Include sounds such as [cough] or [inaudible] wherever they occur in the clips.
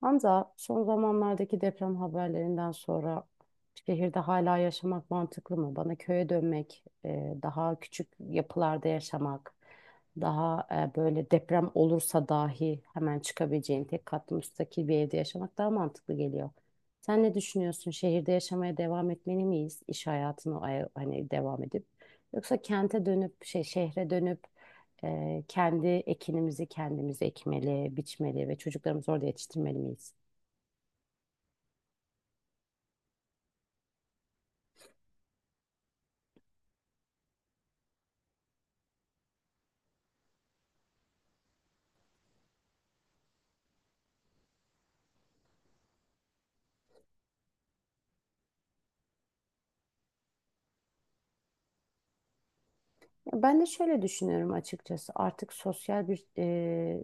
Hamza, son zamanlardaki deprem haberlerinden sonra şehirde hala yaşamak mantıklı mı? Bana köye dönmek, daha küçük yapılarda yaşamak, daha böyle deprem olursa dahi hemen çıkabileceğin tek katlı müstakil bir evde yaşamak daha mantıklı geliyor. Sen ne düşünüyorsun? Şehirde yaşamaya devam etmeli miyiz? İş hayatına hani devam edip yoksa kente dönüp şehre dönüp kendi ekinimizi kendimiz ekmeli, biçmeli ve çocuklarımızı orada yetiştirmeli miyiz? Ben de şöyle düşünüyorum açıkçası. Artık sosyal bir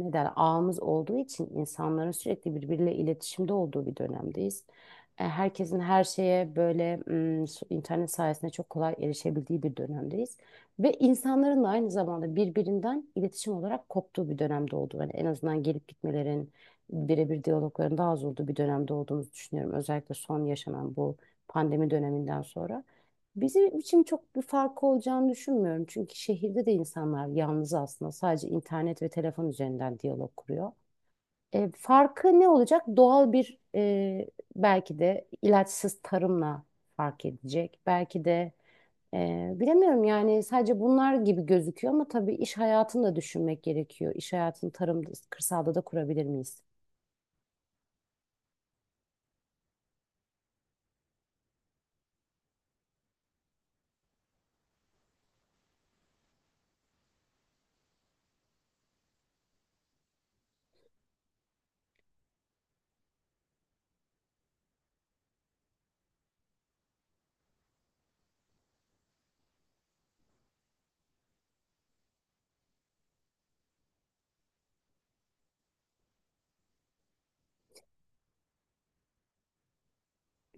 ne der ağımız olduğu için insanların sürekli birbiriyle iletişimde olduğu bir dönemdeyiz. Herkesin her şeye böyle internet sayesinde çok kolay erişebildiği bir dönemdeyiz. Ve insanların da aynı zamanda birbirinden iletişim olarak koptuğu bir dönemde olduğu. Yani en azından gelip gitmelerin, birebir diyalogların daha az olduğu bir dönemde olduğumuzu düşünüyorum. Özellikle son yaşanan bu pandemi döneminden sonra. Bizim için çok bir farkı olacağını düşünmüyorum. Çünkü şehirde de insanlar yalnız aslında sadece internet ve telefon üzerinden diyalog kuruyor. Farkı ne olacak? Doğal bir belki de ilaçsız tarımla fark edecek. Belki de bilemiyorum yani sadece bunlar gibi gözüküyor ama tabii iş hayatını da düşünmek gerekiyor. İş hayatını tarımda, kırsalda da kurabilir miyiz?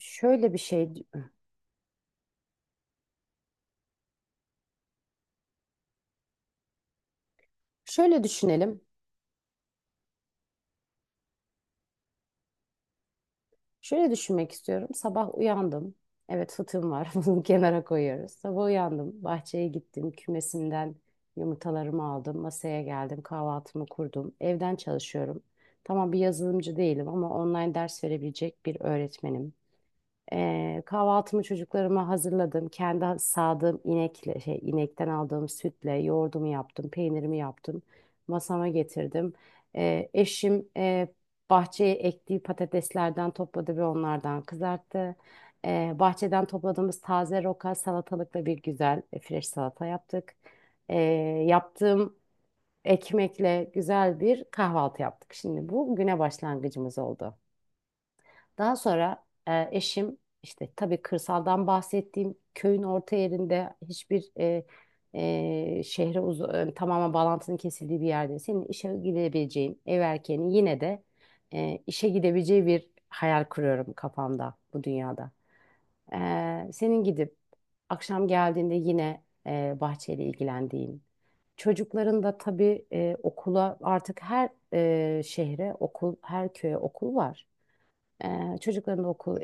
Şöyle bir şey, şöyle düşünelim. Şöyle düşünmek istiyorum. Sabah uyandım. Evet fıtığım var. [laughs] Bunu kenara koyuyoruz. Sabah uyandım. Bahçeye gittim. Kümesimden yumurtalarımı aldım. Masaya geldim. Kahvaltımı kurdum. Evden çalışıyorum. Tamam bir yazılımcı değilim ama online ders verebilecek bir öğretmenim. Kahvaltımı çocuklarıma hazırladım. Kendi sağdığım inekle, inekten aldığım sütle yoğurdumu yaptım, peynirimi yaptım. Masama getirdim. Eşim bahçeye ektiği patateslerden topladı ve onlardan kızarttı. Bahçeden topladığımız taze roka salatalıkla bir güzel fresh salata yaptık. Ee, Yaptığım ekmekle güzel bir kahvaltı yaptık. Şimdi bu güne başlangıcımız oldu. Daha sonra eşim işte tabii kırsaldan bahsettiğim köyün orta yerinde hiçbir tamamen bağlantının kesildiği bir yerde senin işe gidebileceğin ev erkeğinin yine de işe gidebileceği bir hayal kuruyorum kafamda bu dünyada. Senin gidip akşam geldiğinde yine bahçeyle ilgilendiğin çocukların da tabii okula artık her şehre okul her köye okul var. Çocukların da okul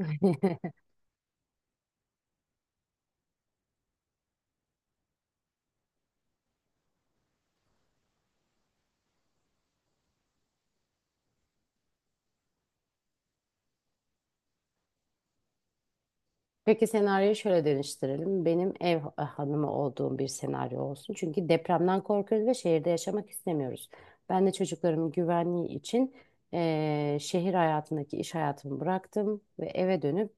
[laughs] Peki senaryoyu şöyle değiştirelim. Benim ev hanımı olduğum bir senaryo olsun. Çünkü depremden korkuyoruz ve şehirde yaşamak istemiyoruz. Ben de çocuklarımın güvenliği için şehir hayatındaki iş hayatımı bıraktım ve eve dönüp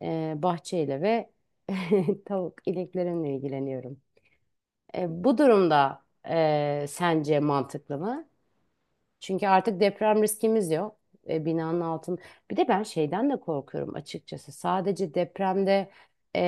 bahçeyle ve [laughs] tavuk ineklerimle ilgileniyorum. Bu durumda sence mantıklı mı? Çünkü artık deprem riskimiz yok. E, binanın altın. Bir de ben şeyden de korkuyorum açıkçası. Sadece depremde e,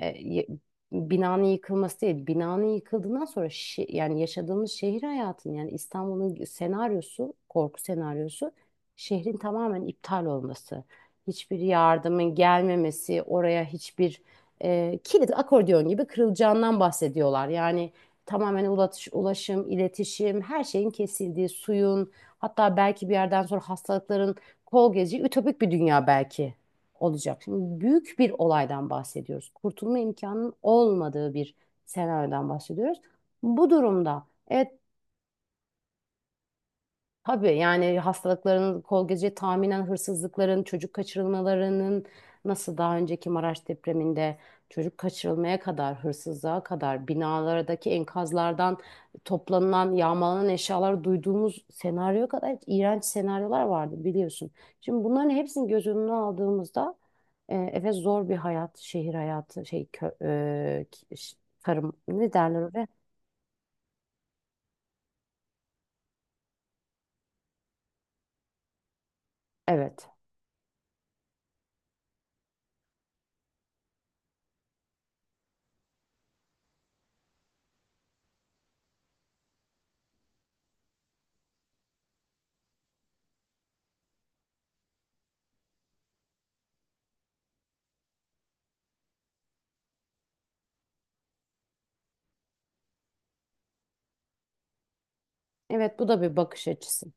e, y- binanın yıkılması değil. Binanın yıkıldığından sonra yani yaşadığımız şehir hayatının yani İstanbul'un senaryosu, korku senaryosu şehrin tamamen iptal olması. Hiçbir yardımın gelmemesi, oraya hiçbir kilit akordeon gibi kırılacağından bahsediyorlar. Yani tamamen ulaşım, iletişim, her şeyin kesildiği, suyun, hatta belki bir yerden sonra hastalıkların kol gezeceği ütopik bir dünya belki olacak. Şimdi büyük bir olaydan bahsediyoruz. Kurtulma imkanının olmadığı bir senaryodan bahsediyoruz. Bu durumda evet. Tabii yani hastalıkların kol gece tahminen hırsızlıkların, çocuk kaçırılmalarının nasıl daha önceki Maraş depreminde çocuk kaçırılmaya kadar, hırsızlığa kadar binalardaki enkazlardan toplanılan, yağmalanan eşyalar duyduğumuz senaryoya kadar iğrenç senaryolar vardı biliyorsun. Şimdi bunların hepsini göz önüne aldığımızda evet zor bir hayat, şehir hayatı, şey kö, e, ki- ş- tarım ne derler oraya? Evet. Evet bu da bir bakış açısı.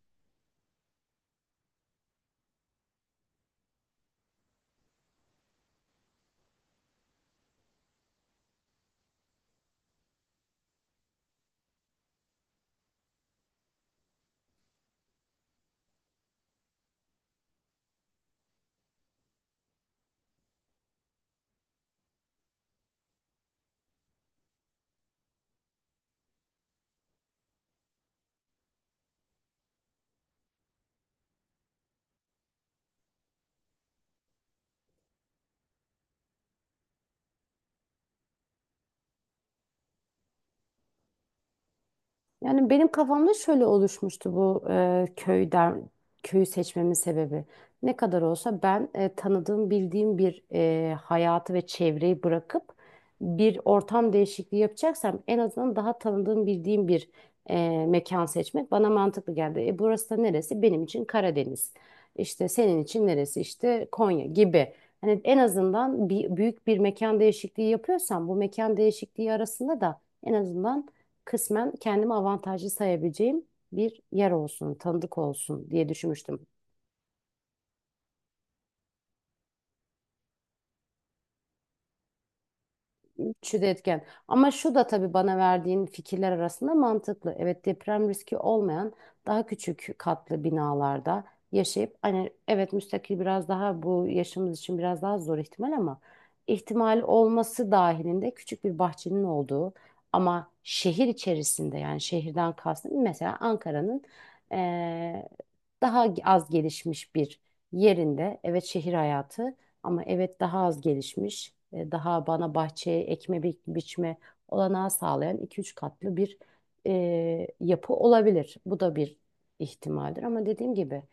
Yani benim kafamda şöyle oluşmuştu bu köyü seçmemin sebebi. Ne kadar olsa ben tanıdığım, bildiğim bir hayatı ve çevreyi bırakıp bir ortam değişikliği yapacaksam en azından daha tanıdığım, bildiğim bir mekan seçmek bana mantıklı geldi. E, burası da neresi? Benim için Karadeniz. İşte senin için neresi? İşte Konya gibi. Hani en azından bir, büyük bir mekan değişikliği yapıyorsam bu mekan değişikliği arasında da en azından kısmen kendimi avantajlı sayabileceğim bir yer olsun, tanıdık olsun diye düşünmüştüm. Üçü de etken. Ama şu da tabii bana verdiğin fikirler arasında mantıklı. Evet deprem riski olmayan daha küçük katlı binalarda yaşayıp hani evet müstakil biraz daha bu yaşımız için biraz daha zor ihtimal ama ihtimal olması dahilinde küçük bir bahçenin olduğu ama şehir içerisinde yani şehirden kastım mesela Ankara'nın eee, daha az gelişmiş bir yerinde evet şehir hayatı ama evet daha az gelişmiş, daha bana bahçeye ekme biçme olanağı sağlayan iki üç katlı bir yapı olabilir. Bu da bir ihtimaldir ama dediğim gibi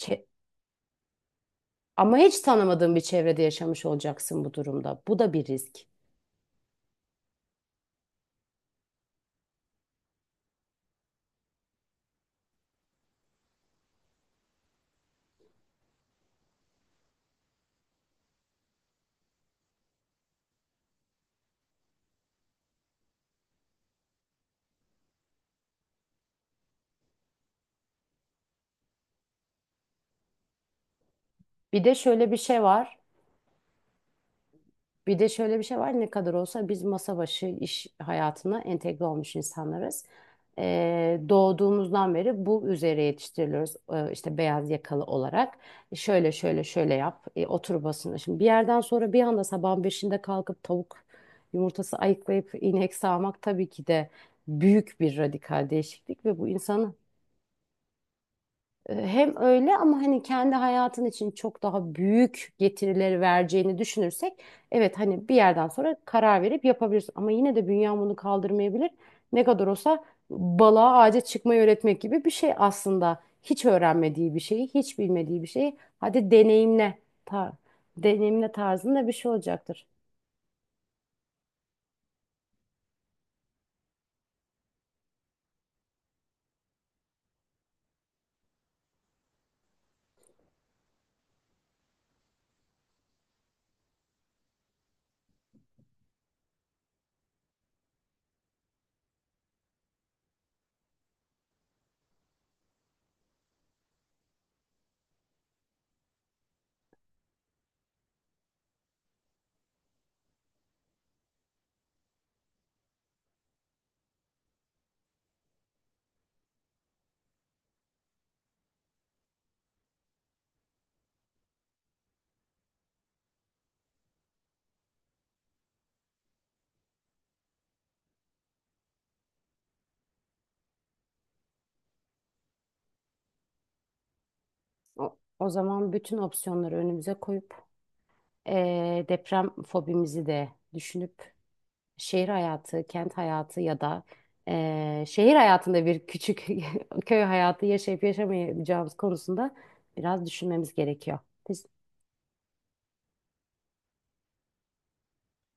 çe- ama hiç tanımadığın bir çevrede yaşamış olacaksın bu durumda. Bu da bir risk. Bir de şöyle bir şey var. Bir de şöyle bir şey var ne kadar olsa biz masa başı iş hayatına entegre olmuş insanlarız. Doğduğumuzdan beri bu üzere yetiştiriliyoruz, işte beyaz yakalı olarak. Şöyle şöyle şöyle yap, otur basına. Şimdi bir yerden sonra bir anda sabahın beşinde kalkıp tavuk yumurtası ayıklayıp inek sağmak tabii ki de büyük bir radikal değişiklik ve bu insanın hem öyle ama hani kendi hayatın için çok daha büyük getirileri vereceğini düşünürsek evet hani bir yerden sonra karar verip yapabilirsin ama yine de bünyen bunu kaldırmayabilir. Ne kadar olsa balığa ağaca çıkmayı öğretmek gibi bir şey aslında. Hiç öğrenmediği bir şeyi, hiç bilmediği bir şeyi hadi deneyimle tar deneyimle tarzında bir şey olacaktır. O zaman bütün opsiyonları önümüze koyup deprem fobimizi de düşünüp şehir hayatı, kent hayatı ya da şehir hayatında bir küçük [laughs] köy hayatı yaşayıp yaşamayacağımız konusunda biraz düşünmemiz gerekiyor.